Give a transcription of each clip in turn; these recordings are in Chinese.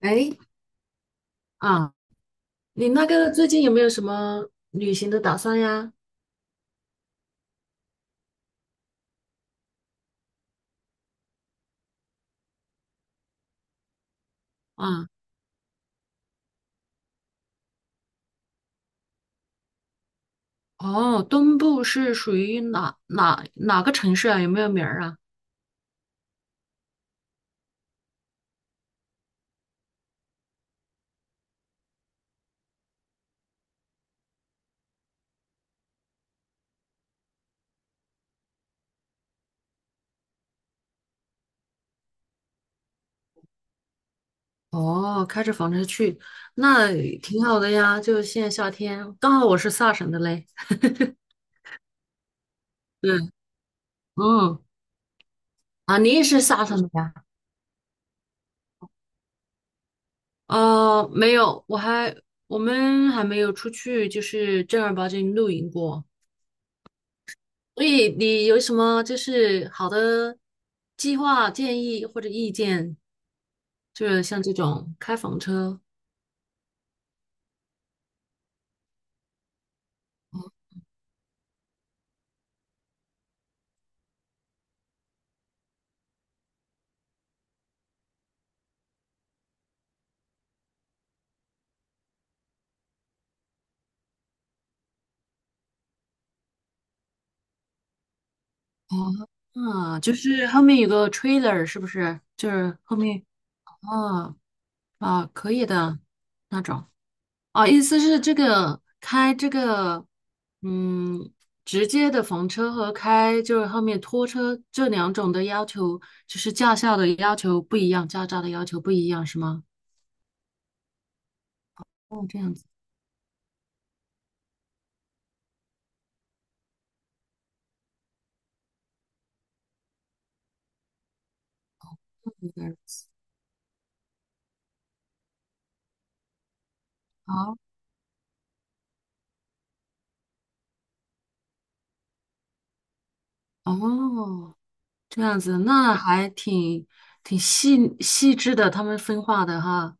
哎啊，你那个最近有没有什么旅行的打算呀？啊，哦，东部是属于哪个城市啊？有没有名儿啊？哦，开着房车去，那挺好的呀。就现在夏天，刚好我是萨省的嘞。对，嗯，啊，你也是萨省的呀？呃，没有，我们还没有出去，就是正儿八经露营过。所以你有什么就是好的计划、建议或者意见？就是像这种开房车哦，啊，就是后面有个 trailer，是不是？就是后面啊啊，可以的那种啊，意思是这个开这个嗯，直接的房车和开就是后面拖车这两种的要求，就是驾校的要求不一样，驾照的要求不一样，是吗？哦，这样子有点儿好哦，这样子那还挺细致的，他们分化的哈。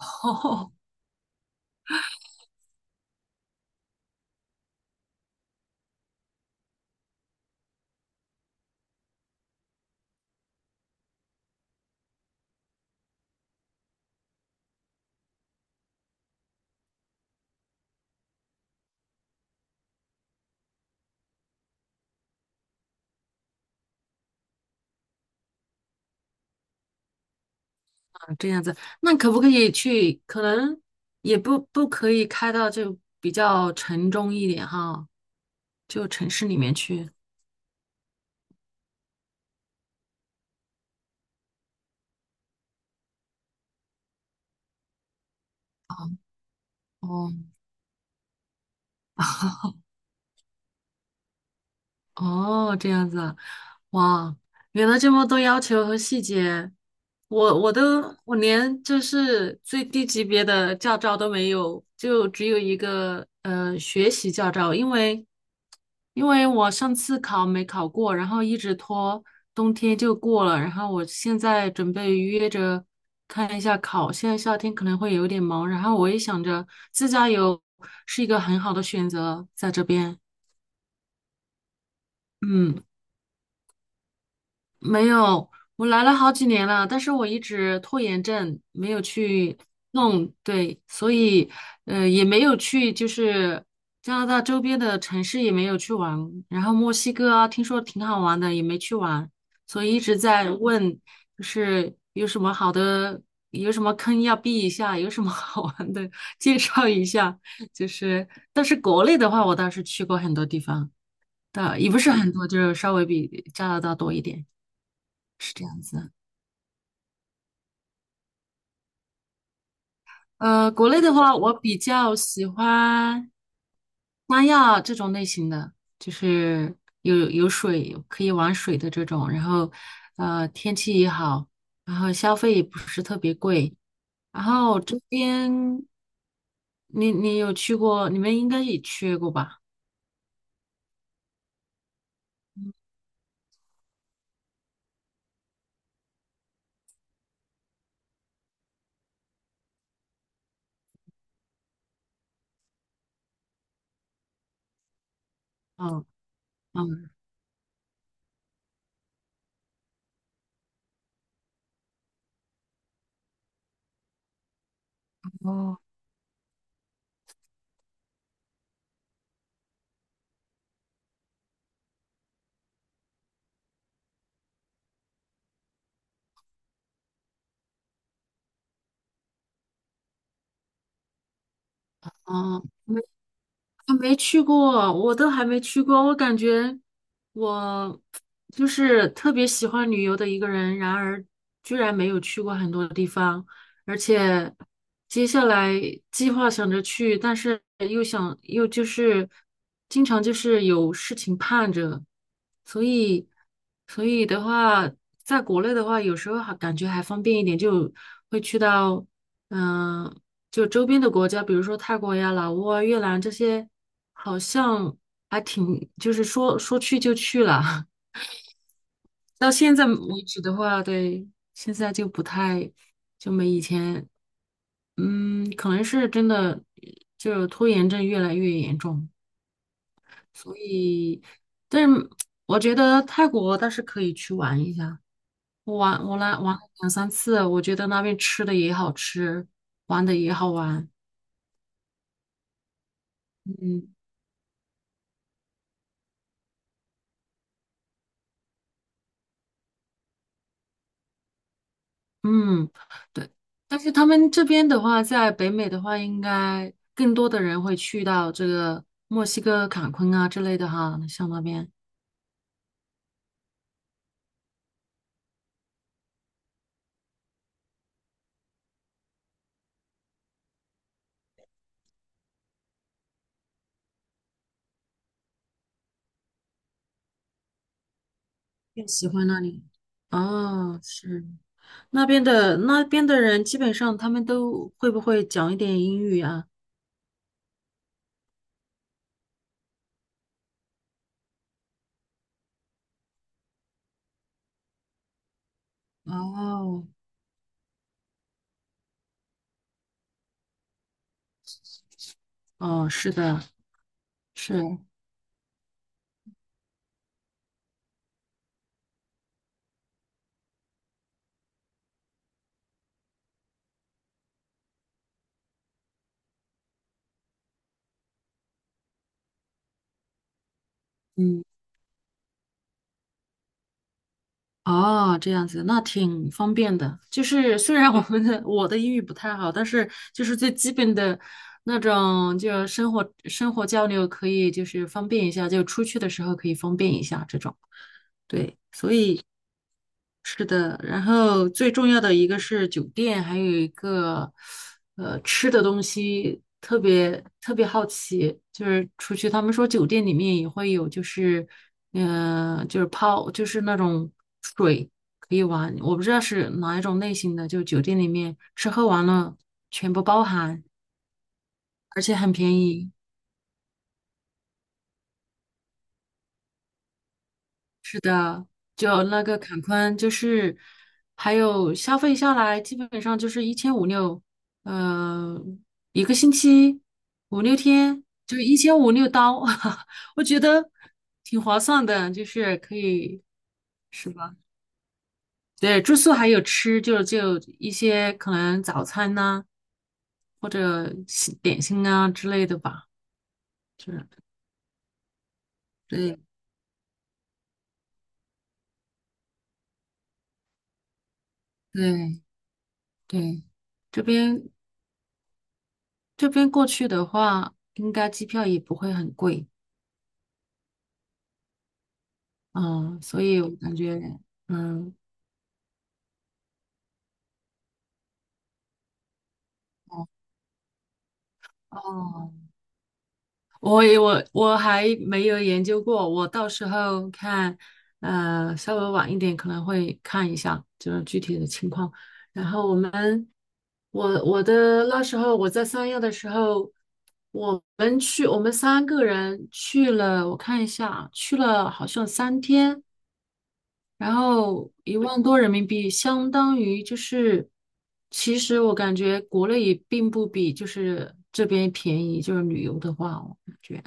哦，啊这样子，那可不可以去？可能也不可以开到就比较城中一点哈，就城市里面去。哦，哦，这样子啊，哇，原来这么多要求和细节，我连就是最低级别的驾照都没有，就只有一个呃学习驾照，因为我上次考没考过，然后一直拖，冬天就过了，然后我现在准备约着看一下考，现在夏天可能会有点忙，然后我也想着自驾游是一个很好的选择，在这边，嗯。没有，我来了好几年了，但是我一直拖延症，没有去弄，对，所以呃也没有去，就是加拿大周边的城市也没有去玩，然后墨西哥啊，听说挺好玩的，也没去玩，所以一直在问，就是有什么好的，有什么坑要避一下，有什么 好玩的介绍一下，就是，但是国内的话，我倒是去过很多地方，但也不是很多，就是稍微比加拿大多一点。是这样子。呃，国内的话，我比较喜欢三亚这种类型的，就是有水可以玩水的这种，然后呃天气也好，然后消费也不是特别贵，然后这边你有去过，你们应该也去过吧？嗯嗯哦，嗯，还没去过，我都还没去过。我感觉我就是特别喜欢旅游的一个人，然而居然没有去过很多地方，而且接下来计划想着去，但是又想又就是经常就是有事情盼着，所以所以的话，在国内的话，有时候还感觉还方便一点，就会去到。嗯。就周边的国家，比如说泰国呀、老挝啊、越南这些，好像还挺，就是说说去就去了。到现在为止的话，对，现在就不太，就没以前，嗯，可能是真的，就拖延症越来越严重，所以，但是我觉得泰国倒是可以去玩一下。我来玩了两三次，我觉得那边吃的也好吃，玩的也好玩，嗯。嗯，对，但是他们这边的话，在北美的话，应该更多的人会去到这个墨西哥坎昆啊之类的哈，像那边更喜欢那里。哦，是那边的人，基本上他们都会不会讲一点英语啊？哦，哦，是的，是，嗯。哦，这样子，那挺方便的。就是虽然我的英语不太好，但是就是最基本的那种，就生活交流可以就是方便一下，就出去的时候可以方便一下这种。对。是的，然后最重要的一个是酒店，还有一个呃吃的东西，特别特别好奇，就是出去他们说酒店里面也会有，就是嗯、呃就是泡就是那种水可以玩，我不知道是哪一种类型的，就酒店里面吃喝玩乐全部包含，而且很便宜。是的，就那个坎昆，就是还有消费下来，基本上就是一千五六，呃，一个星期五六天，就一千五六刀，我觉得挺划算的，就是可以，是吧？对，住宿还有吃，就一些可能早餐呐、或者西点心啊之类的吧，就是对对对，这边这边过去的话，应该机票也不会很贵，嗯，所以我感觉，嗯，哦，哦我也我我还没有研究过，我到时候看，呃，稍微晚一点可能会看一下，就是具体的情况。然后我们，我我的那时候我在三亚的时候，我们去，我们三个人去了，我看一下啊，去了好像3天。然后1万多人民币相当于就是，其实我感觉国内也并不比就是这边便宜，就是旅游的话，我感觉，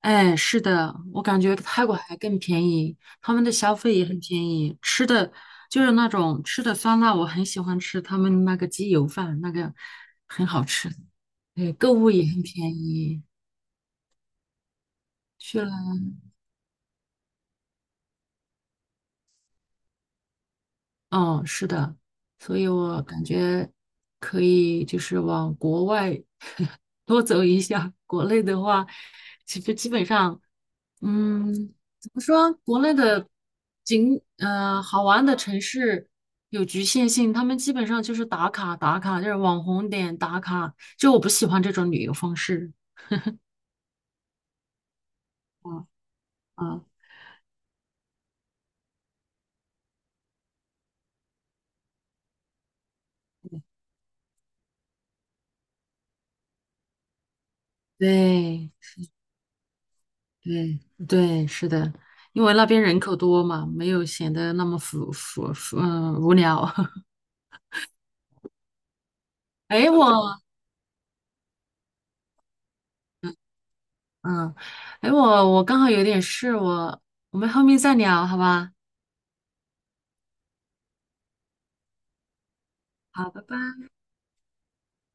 哎，是的，我感觉泰国还更便宜，他们的消费也很便宜，吃的就是那种吃的酸辣，我很喜欢吃他们那个鸡油饭，那个很好吃，对，购物也很便宜，去了，嗯，是的，所以我感觉可以就是往国外。多走一下。国内的话，其实基本上，嗯，怎么说？国内的景，呃，好玩的城市有局限性，他们基本上就是打卡打卡，就是网红点打卡。就我不喜欢这种旅游方式。啊啊，对对对，是的，因为那边人口多嘛，没有显得那么浮，嗯，无聊。哎，我，嗯，哎，我刚好有点事，我们后面再聊，好吧？好，拜拜。